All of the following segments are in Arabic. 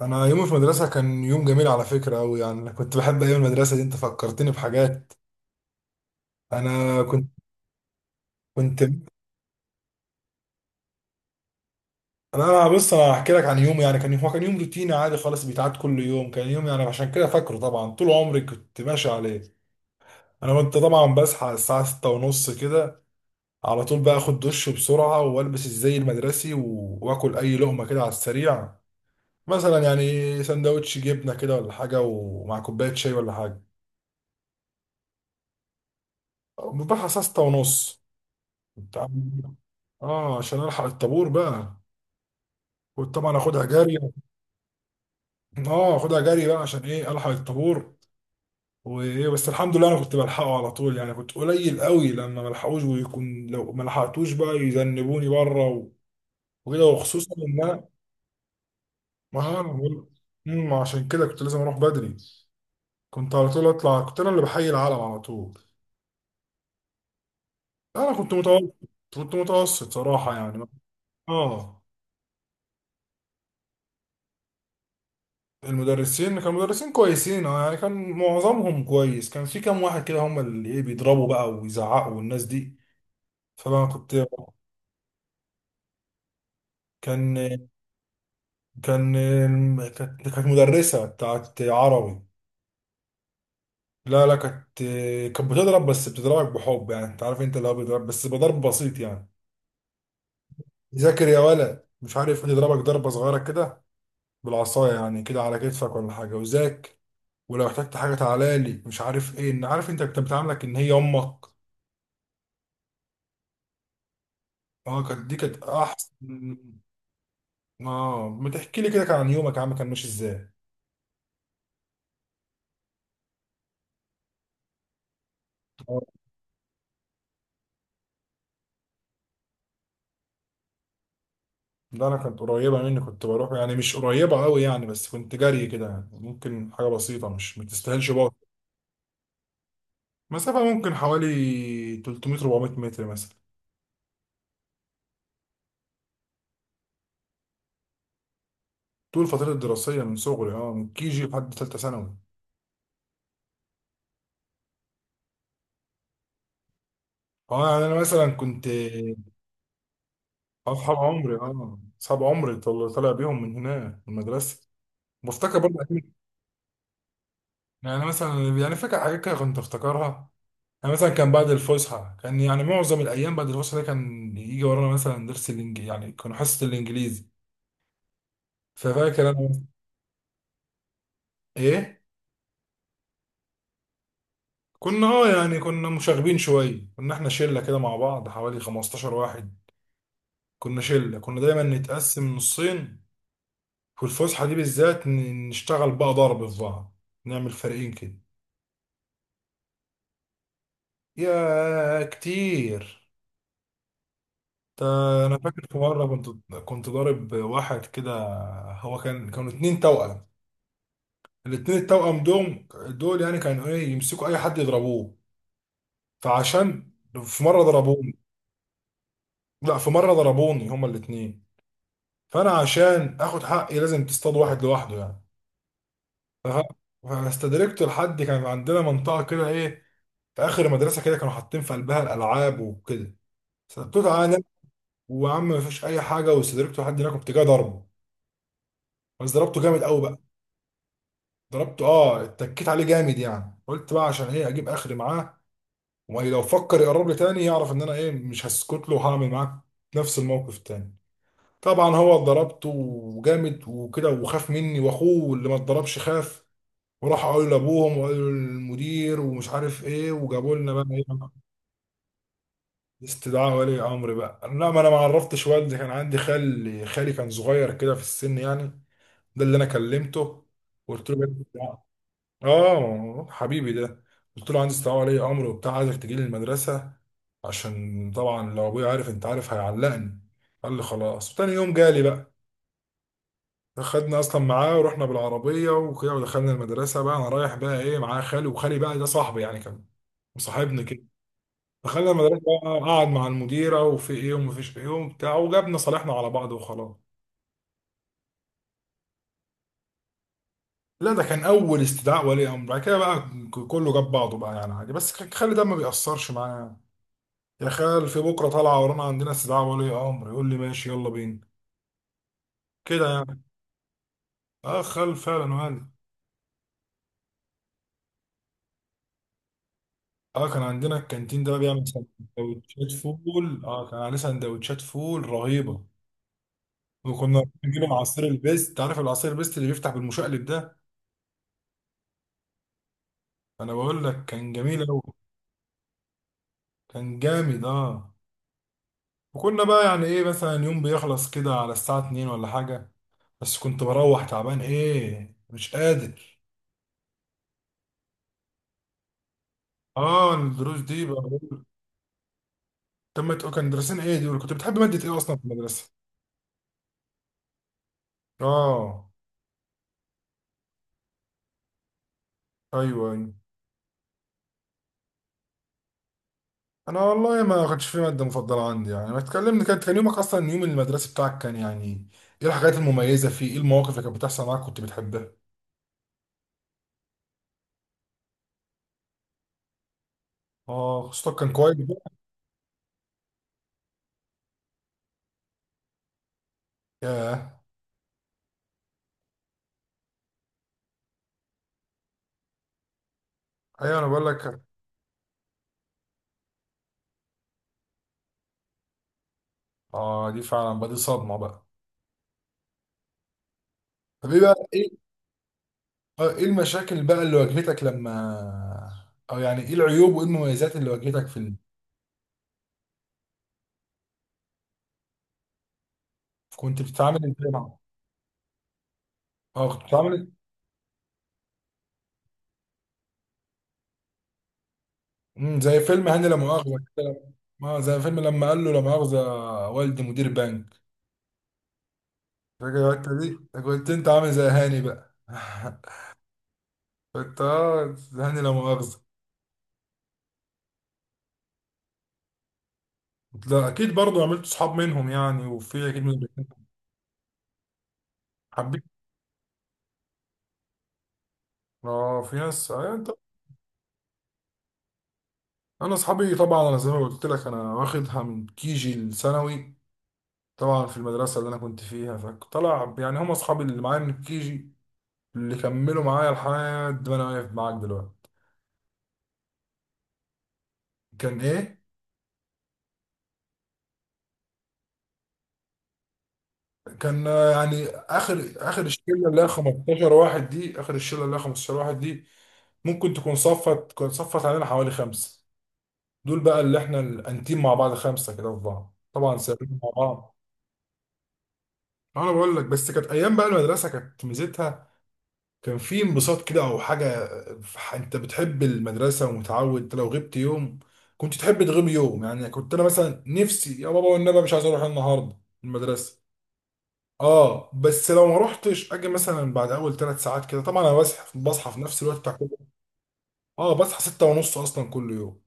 انا يوم في المدرسه كان يوم جميل على فكره قوي، يعني أنا كنت بحب ايام المدرسه دي. انت فكرتني بحاجات. انا كنت كنت انا بص، انا هحكي لك عن يوم. يعني كان يوم، هو كان يوم روتيني عادي خالص بيتعاد كل يوم. كان يوم يعني عشان كده فاكره. طبعا طول عمري كنت ماشي عليه. انا كنت طبعا بصحى الساعه 6:30 كده. على طول بقى اخد دش بسرعه والبس الزي المدرسي واكل اي لقمه كده على السريع. مثلا يعني سندوتش جبنه كده ولا حاجه، ومع كوبايه شاي ولا حاجه. بروح الساعه 6 ونص. اه عشان الحق الطابور بقى. كنت طبعا اخدها جري. اه اخدها جري بقى عشان ايه الحق الطابور. وايه بس الحمد لله انا كنت بلحقه على طول، يعني كنت قليل قوي لما ملحقوش، ويكون لو ما لحقتوش بقى يذنبوني بره، وكده. وخصوصا ان انا، ما هو انا بقول، عشان كده كنت لازم اروح بدري. كنت على طول اطلع، كنت انا اللي بحيي العالم على طول. انا كنت متوسط. كنت متوسط صراحة يعني. اه. المدرسين كانوا مدرسين كويسين اه، يعني كان معظمهم كويس. كان في كام واحد كده هم اللي ايه بيضربوا بقى ويزعقوا، والناس دي فانا كنت. كان كان كانت مدرسة بتاعت عربي. لا لا، كانت بتضرب بس بتضربك بحب. يعني انت عارف، انت اللي هو بيضرب بس بضرب بسيط يعني، ذاكر يا ولد مش عارف ايه، يضربك ضربة صغيرة كده بالعصاية، يعني كده على كتفك ولا حاجة. وذاك ولو احتجت حاجة تعالى لي مش عارف ايه، ان عارف انت بتعاملك ان هي امك. اه كانت دي كانت احسن. اه. ما تحكي لي كده كان عن يومك يا عم، كان ماشي ازاي؟ اه. ده انا كانت قريبه مني، كنت بروح يعني مش قريبه قوي يعني، بس كنت جري كده يعني، ممكن حاجه بسيطه مش ما تستاهلش باص. مسافه ممكن حوالي 300 400 متر مثلا. طول الفتره الدراسيه من صغري، اه من كي جي لحد ثالثه ثانوي. اه يعني انا مثلا كنت اصحاب عمري. اه اصحاب عمري طالع بيهم من هنا من المدرسه. بفتكر برضه أكيد. يعني مثلا يعني فاكر حاجات كده كنت افتكرها. انا مثلا كان بعد الفسحه كان يعني معظم الايام، بعد الفسحه ده كان يجي ورانا مثلا درس الانجليزي، يعني كانوا حصه الانجليزي. ففاكر انا ايه. كنا اه يعني كنا مشاغبين شويه، كنا احنا شله كده مع بعض حوالي 15 واحد. كنا شله كنا دايما نتقسم نصين. في الفسحه دي بالذات نشتغل بقى ضرب في بعض، نعمل فريقين كده. يا كتير. ده انا فاكر في مره كنت، كنت ضارب واحد كده. هو كان كانوا اتنين توأم. الاتنين التوأم دول يعني كانوا ايه يمسكوا اي حد يضربوه. فعشان، في مره ضربوني. لا، في مره ضربوني هما الاتنين. فانا عشان اخد حقي لازم تصطاد واحد لوحده يعني. ف- فاستدركت لحد كان عندنا منطقه كده ايه، في اخر المدرسه كده كانوا حاطين في قلبها الالعاب وكده. سبته تعالى، وعم مفيش اي حاجه، واستدركت لحد هناك كنت جاي ضربه. بس ضربته جامد قوي بقى. ضربته اه اتكيت عليه جامد، يعني قلت بقى عشان ايه اجيب اخري معاه، ولو فكر يقرب لي تاني يعرف ان انا ايه، مش هسكت له وهعمل معاك نفس الموقف تاني. طبعا هو اتضربت وجامد وكده وخاف مني، واخوه اللي ما اتضربش خاف وراح قالوا لابوهم وقالوا للمدير ومش عارف ايه، وجابوا لنا بقى ايه. استدعاء ولي امر بقى. لا، ما انا ما عرفتش والدي. كان عندي خال، خالي كان صغير كده في السن يعني، ده اللي انا كلمته قلت له. اه حبيبي ده. قلت له عندي استدعاء ولي امر وبتاع، عايزك تجي لي المدرسه عشان طبعا لو ابويا عارف انت عارف هيعلقني. قال لي خلاص، وتاني يوم جالي بقى. خدنا اصلا معاه ورحنا بالعربيه وكده، ودخلنا المدرسه بقى. انا رايح بقى ايه معاه خالي، وخالي بقى ده صاحبي يعني كان مصاحبنا كده. دخلنا المدرسه بقى، قعد مع المديره وفي ايه ومفيش ايه وبتاع، وجابنا صالحنا على بعض وخلاص. لا، ده كان اول استدعاء ولي امر. بعد كده بقى كله جاب بعضه بقى يعني عادي. بس خالي ده ما بيأثرش معايا. يا خال في بكره طالعه ورانا عندنا استدعاء ولي امر، يقول لي ماشي يلا بينا كده يعني. اه خال فعلا وهل. اه كان عندنا الكانتين ده بيعمل سندوتشات فول، اه كان عليه سندوتشات فول رهيبه. وكنا بنجيب عصير البيست، انت عارف العصير البيست اللي بيفتح بالمشقلب ده. انا بقول لك كان جميل قوي. كان جامد اه. وكنا بقى يعني ايه مثلا يوم بيخلص كده على الساعه 2 ولا حاجه. بس كنت بروح تعبان ايه مش قادر. اه الدروس دي بقى. طب ما تقول كان مدرسين ايه دول، كنت بتحب مادة ايه اصلا في المدرسة؟ اه. ايوه ايوه. انا والله ما كانش في مادة مفضلة عندي يعني. ما تكلمني كانت كان يومك اصلا يوم المدرسة بتاعك كان يعني ايه الحاجات المميزة فيه، ايه المواقف اللي كانت بتحصل معاك كنت بتحبها. اه خصوصا كان كويس بقى. ياه. ايوه انا بقول لك. اه دي فعلا بقى دي صدمة بقى. طب ايه بقى ايه. آه، ايه المشاكل بقى اللي واجهتك لما، او يعني ايه العيوب وايه المميزات اللي واجهتك في ال... كنت بتتعامل ازاي مع. اه كنت بتتعامل. زي فيلم هاني لا مؤاخذة كده. ما زي فيلم لما قال له لا مؤاخذة، والدي مدير بنك. فاكر الحتة دي؟ ده كنت انت عامل زي هاني بقى. كنت اه زي هاني لا مؤاخذة. لا اكيد برضو عملت صحاب منهم يعني، وفي اكيد من، حبيت. اه في ناس. آه انت. انا اصحابي طبعا انا زي ما قلت لك انا واخدها من كيجي الثانوي. طبعا في المدرسة اللي انا كنت فيها فطلع يعني هم اصحابي اللي معايا من الكيجي، اللي كملوا معايا لحد ما انا واقف معاك دلوقتي. كان ايه؟ كان آه، يعني اخر اخر الشله اللي هي 15 واحد دي، اخر الشله اللي هي 15 واحد دي ممكن تكون صفت، كانت صفت علينا حوالي خمسه. دول بقى اللي احنا الانتيم مع بعض خمسه كده في بعض. طبعا سافرنا مع بعض. انا بقول لك بس كانت ايام بقى المدرسه كانت ميزتها. كان في انبساط كده او حاجه. انت بتحب المدرسه ومتعود، انت لو غبت يوم كنت تحب تغيب يوم يعني. كنت انا مثلا نفسي يا بابا والنبي مش عايز اروح النهارده المدرسه. اه بس لو ما روحتش اجي مثلا بعد اول 3 ساعات كده. طبعا انا بصحى في نفس الوقت بتاع كل يوم. اه بصحى 6:30 اصلا كل يوم،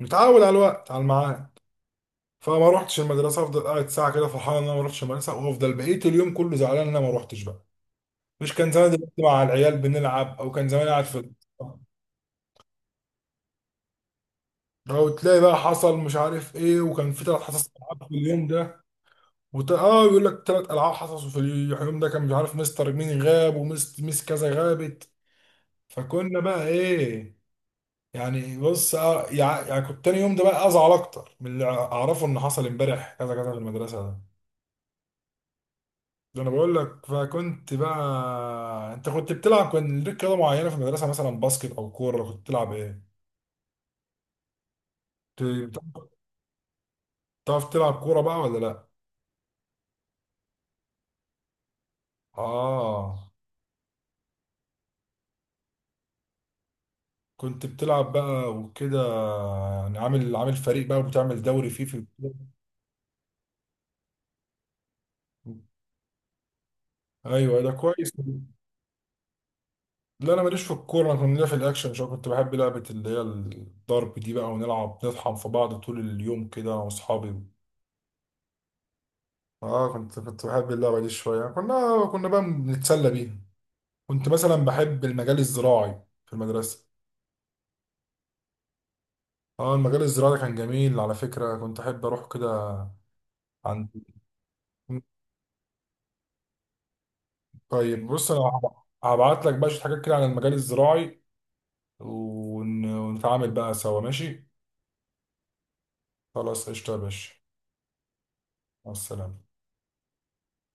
متعود على الوقت على الميعاد. فما روحتش المدرسه افضل قاعد ساعه كده فرحان ان انا ما روحتش المدرسه، وافضل بقيت اليوم كله زعلان ان انا ما روحتش بقى. مش كان زمان دلوقتي مع العيال بنلعب، او كان زمان قاعد في ال-. او تلاقي بقى حصل مش عارف ايه، وكان في ثلاث حصص العاب في اليوم ده. وت... اه يقول لك ثلاث العاب حصصوا في اليوم ده، كان مش عارف مستر مين غاب ومس كذا غابت. فكنا بقى ايه. يعني بص آه، يعني كنت تاني يوم ده بقى ازعل اكتر من اللي اعرفه ان حصل امبارح كذا كذا في المدرسه ده. ده انا بقول لك فكنت بقى. انت كنت بتلعب كان ليك رياضه معينه في المدرسه مثلا باسكت او كوره كنت بتلعب ايه؟ كنت. بتعرف بتعرف تلعب كوره بقى ولا لا؟ اه كنت بتلعب بقى وكده. يعني عامل فريق بقى وبتعمل دوري فيه في الكورة. ايوه ده كويس. لا انا ماليش في الكوره، انا كنت ليا في الاكشن شويه. كنت بحب لعبه اللي هي الضرب دي بقى، ونلعب نطحن في بعض طول اليوم كده انا واصحابي. اه كنت بحب اللعبه دي شويه، كنا بقى بنتسلى بيها. كنت مثلا بحب المجال الزراعي في المدرسه. اه المجال الزراعي ده كان جميل على فكره كنت احب اروح كده. عند. طيب بص انا هبعت لك بقى شويه حاجات كده عن المجال الزراعي، ونتعامل بقى سوا ماشي. خلاص قشطه يا باشا. مع السلامه.